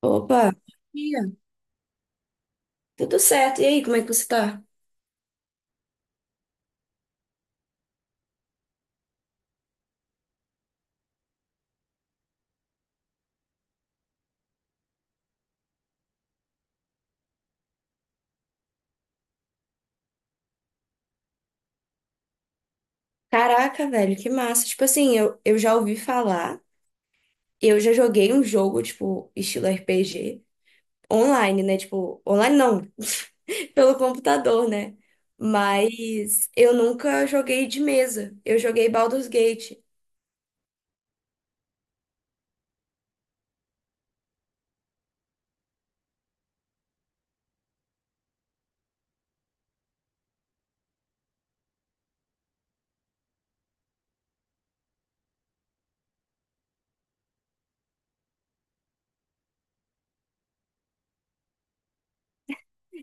Opa, ia. Tudo certo. E aí, como é que você tá? Caraca, velho, que massa. Tipo assim, eu já ouvi falar, eu já joguei um jogo, tipo, estilo RPG, online, né? Tipo, online não, pelo computador, né? Mas eu nunca joguei de mesa. Eu joguei Baldur's Gate.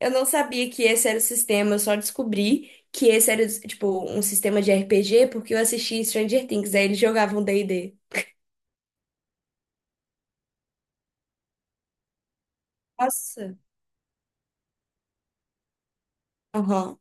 Eu não sabia que esse era o sistema, eu só descobri que esse era, tipo, um sistema de RPG porque eu assisti Stranger Things, aí eles jogavam d e d. Nossa. Aham.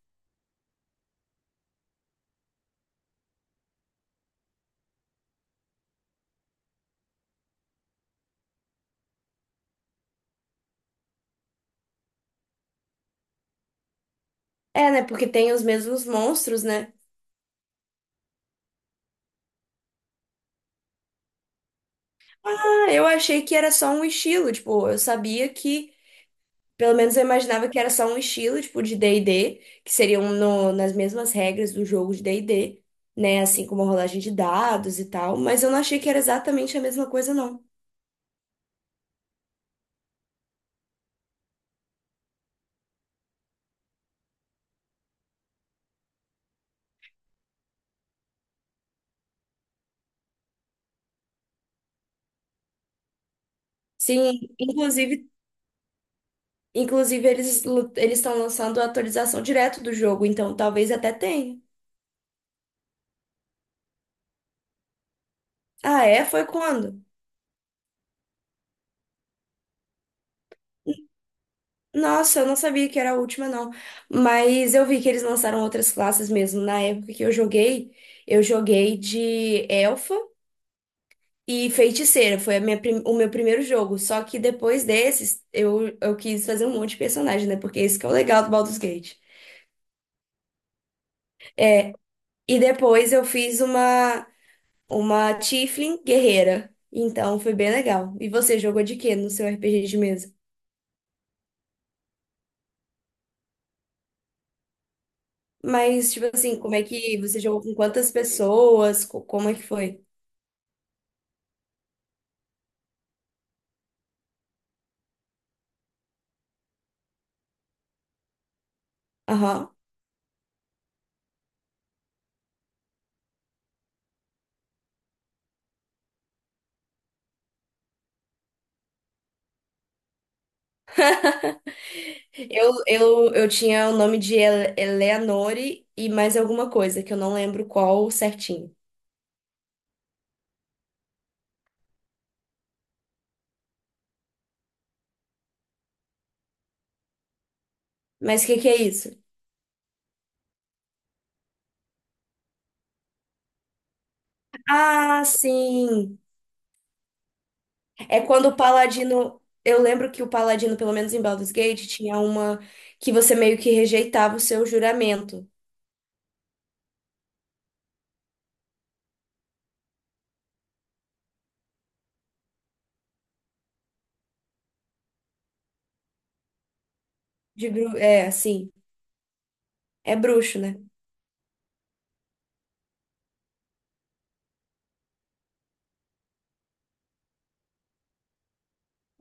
É, né? Porque tem os mesmos monstros, né? Ah, eu achei que era só um estilo, tipo, eu sabia que, pelo menos eu imaginava que era só um estilo, tipo, de D&D, que seriam nas mesmas regras do jogo de D&D, né? Assim como a rolagem de dados e tal, mas eu não achei que era exatamente a mesma coisa, não. Sim, inclusive eles estão lançando a atualização direto do jogo, então talvez até tenha. Ah, é? Foi quando? Nossa, eu não sabia que era a última, não. Mas eu vi que eles lançaram outras classes mesmo. Na época que eu joguei de elfa e feiticeira. Foi a o meu primeiro jogo. Só que depois desses, eu quis fazer um monte de personagem, né? Porque esse que é o legal do Baldur's Gate. E depois uma Tiefling guerreira. Então foi bem legal. E você jogou de quê no seu RPG de mesa? Mas, tipo assim, como é que você jogou com quantas pessoas? Como é que foi? Eu tinha o nome de Eleanore e mais alguma coisa, que eu não lembro qual certinho. Mas o que que é isso? Ah, sim! É quando o Paladino. Eu lembro que o Paladino, pelo menos em Baldur's Gate, tinha uma que você meio que rejeitava o seu juramento. De bru... É, assim. É bruxo, né?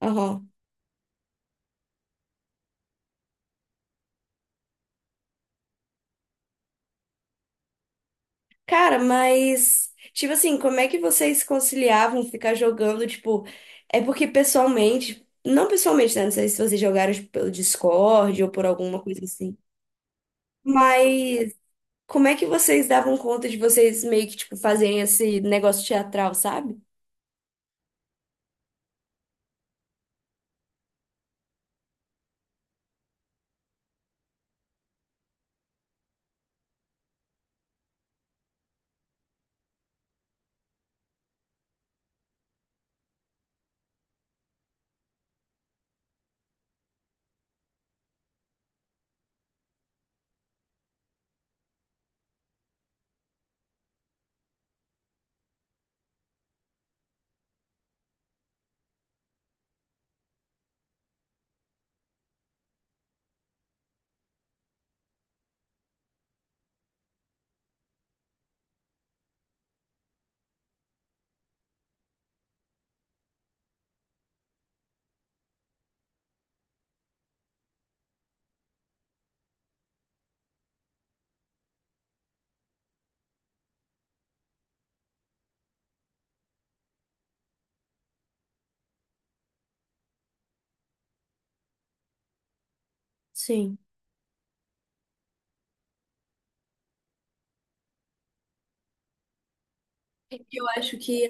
Aham. Cara, mas, tipo assim, como é que vocês conciliavam ficar jogando, tipo, é porque pessoalmente, não pessoalmente, né? Não sei se vocês jogaram, tipo, pelo Discord ou por alguma coisa assim. Mas como é que vocês davam conta de vocês meio que, tipo, fazerem esse negócio teatral, sabe? Sim. Eu acho que é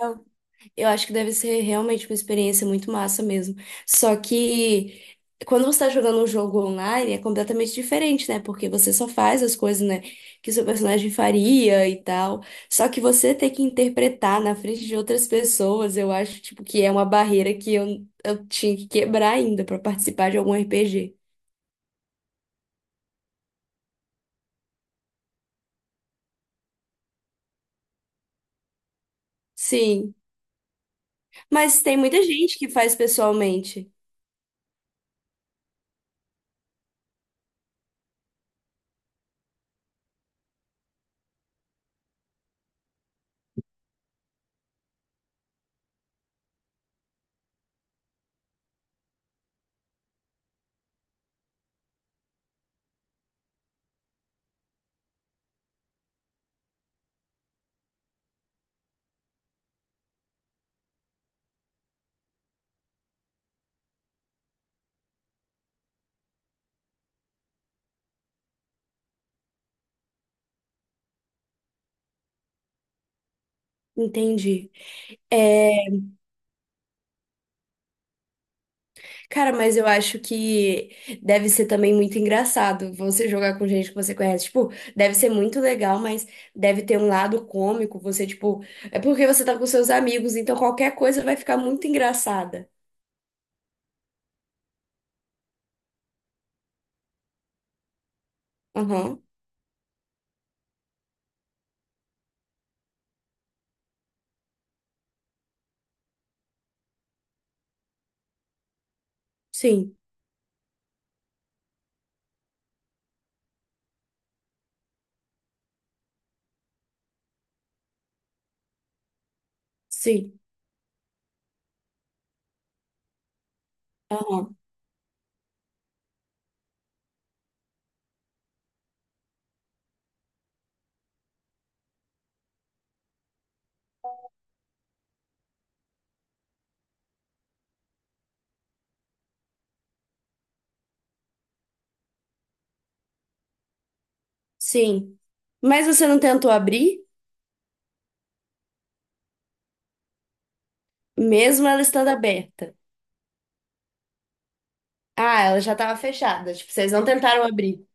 Eu acho que deve ser realmente uma experiência muito massa mesmo. Só que quando você está jogando um jogo online é completamente diferente, né? Porque você só faz as coisas, né, que seu personagem faria e tal. Só que você ter que interpretar na frente de outras pessoas, eu acho, tipo, que é uma barreira que eu tinha que quebrar ainda para participar de algum RPG. Sim. Mas tem muita gente que faz pessoalmente. Entendi. É, cara, mas eu acho que deve ser também muito engraçado você jogar com gente que você conhece. Tipo, deve ser muito legal, mas deve ter um lado cômico. Você, tipo, é porque você tá com seus amigos, então qualquer coisa vai ficar muito engraçada. Aham, sim, sim, aham, sim. Mas você não tentou abrir, mesmo ela estando aberta. Ah, ela já tava fechada. Tipo, vocês não tentaram abrir.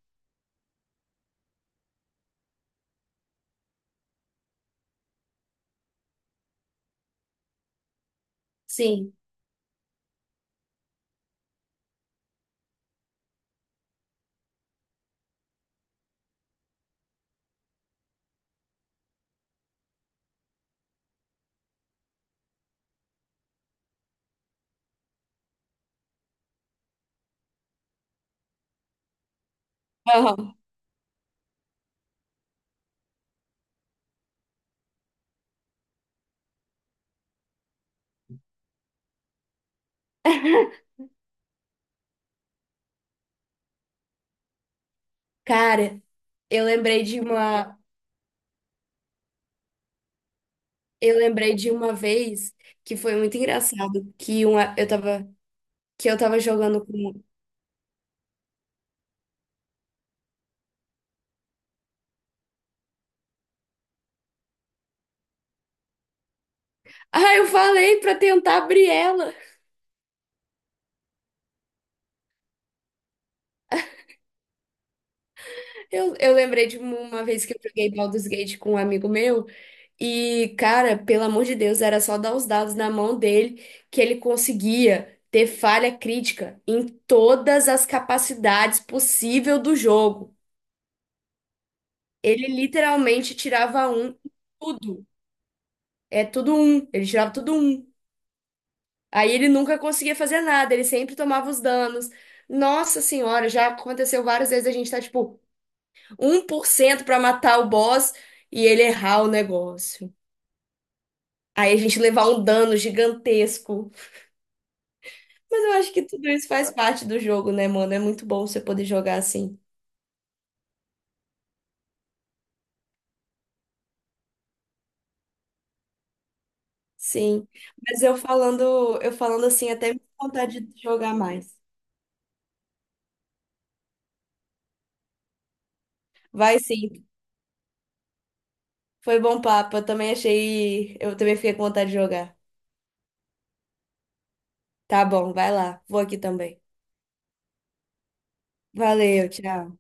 Sim, aham. Cara, eu lembrei de uma. Eu lembrei de uma vez que foi muito engraçado eu tava que eu tava jogando com. Ah, eu falei pra tentar abrir ela. Eu lembrei de uma vez que eu joguei Baldur's Gate com um amigo meu e, cara, pelo amor de Deus, era só dar os dados na mão dele que ele conseguia ter falha crítica em todas as capacidades possível do jogo. Ele literalmente tirava um em tudo. É tudo um. Ele tirava tudo um. Aí ele nunca conseguia fazer nada, ele sempre tomava os danos. Nossa senhora, já aconteceu várias vezes a gente tá tipo 1% pra matar o boss e ele errar o negócio. Aí a gente levar um dano gigantesco. Mas eu acho que tudo isso faz parte do jogo, né, mano? É muito bom você poder jogar assim. Sim. Mas eu falando assim, até me dá vontade de jogar mais. Vai sim. Foi bom papo. Eu também achei, eu também fiquei com vontade de jogar. Tá bom, vai lá. Vou aqui também. Valeu, tchau.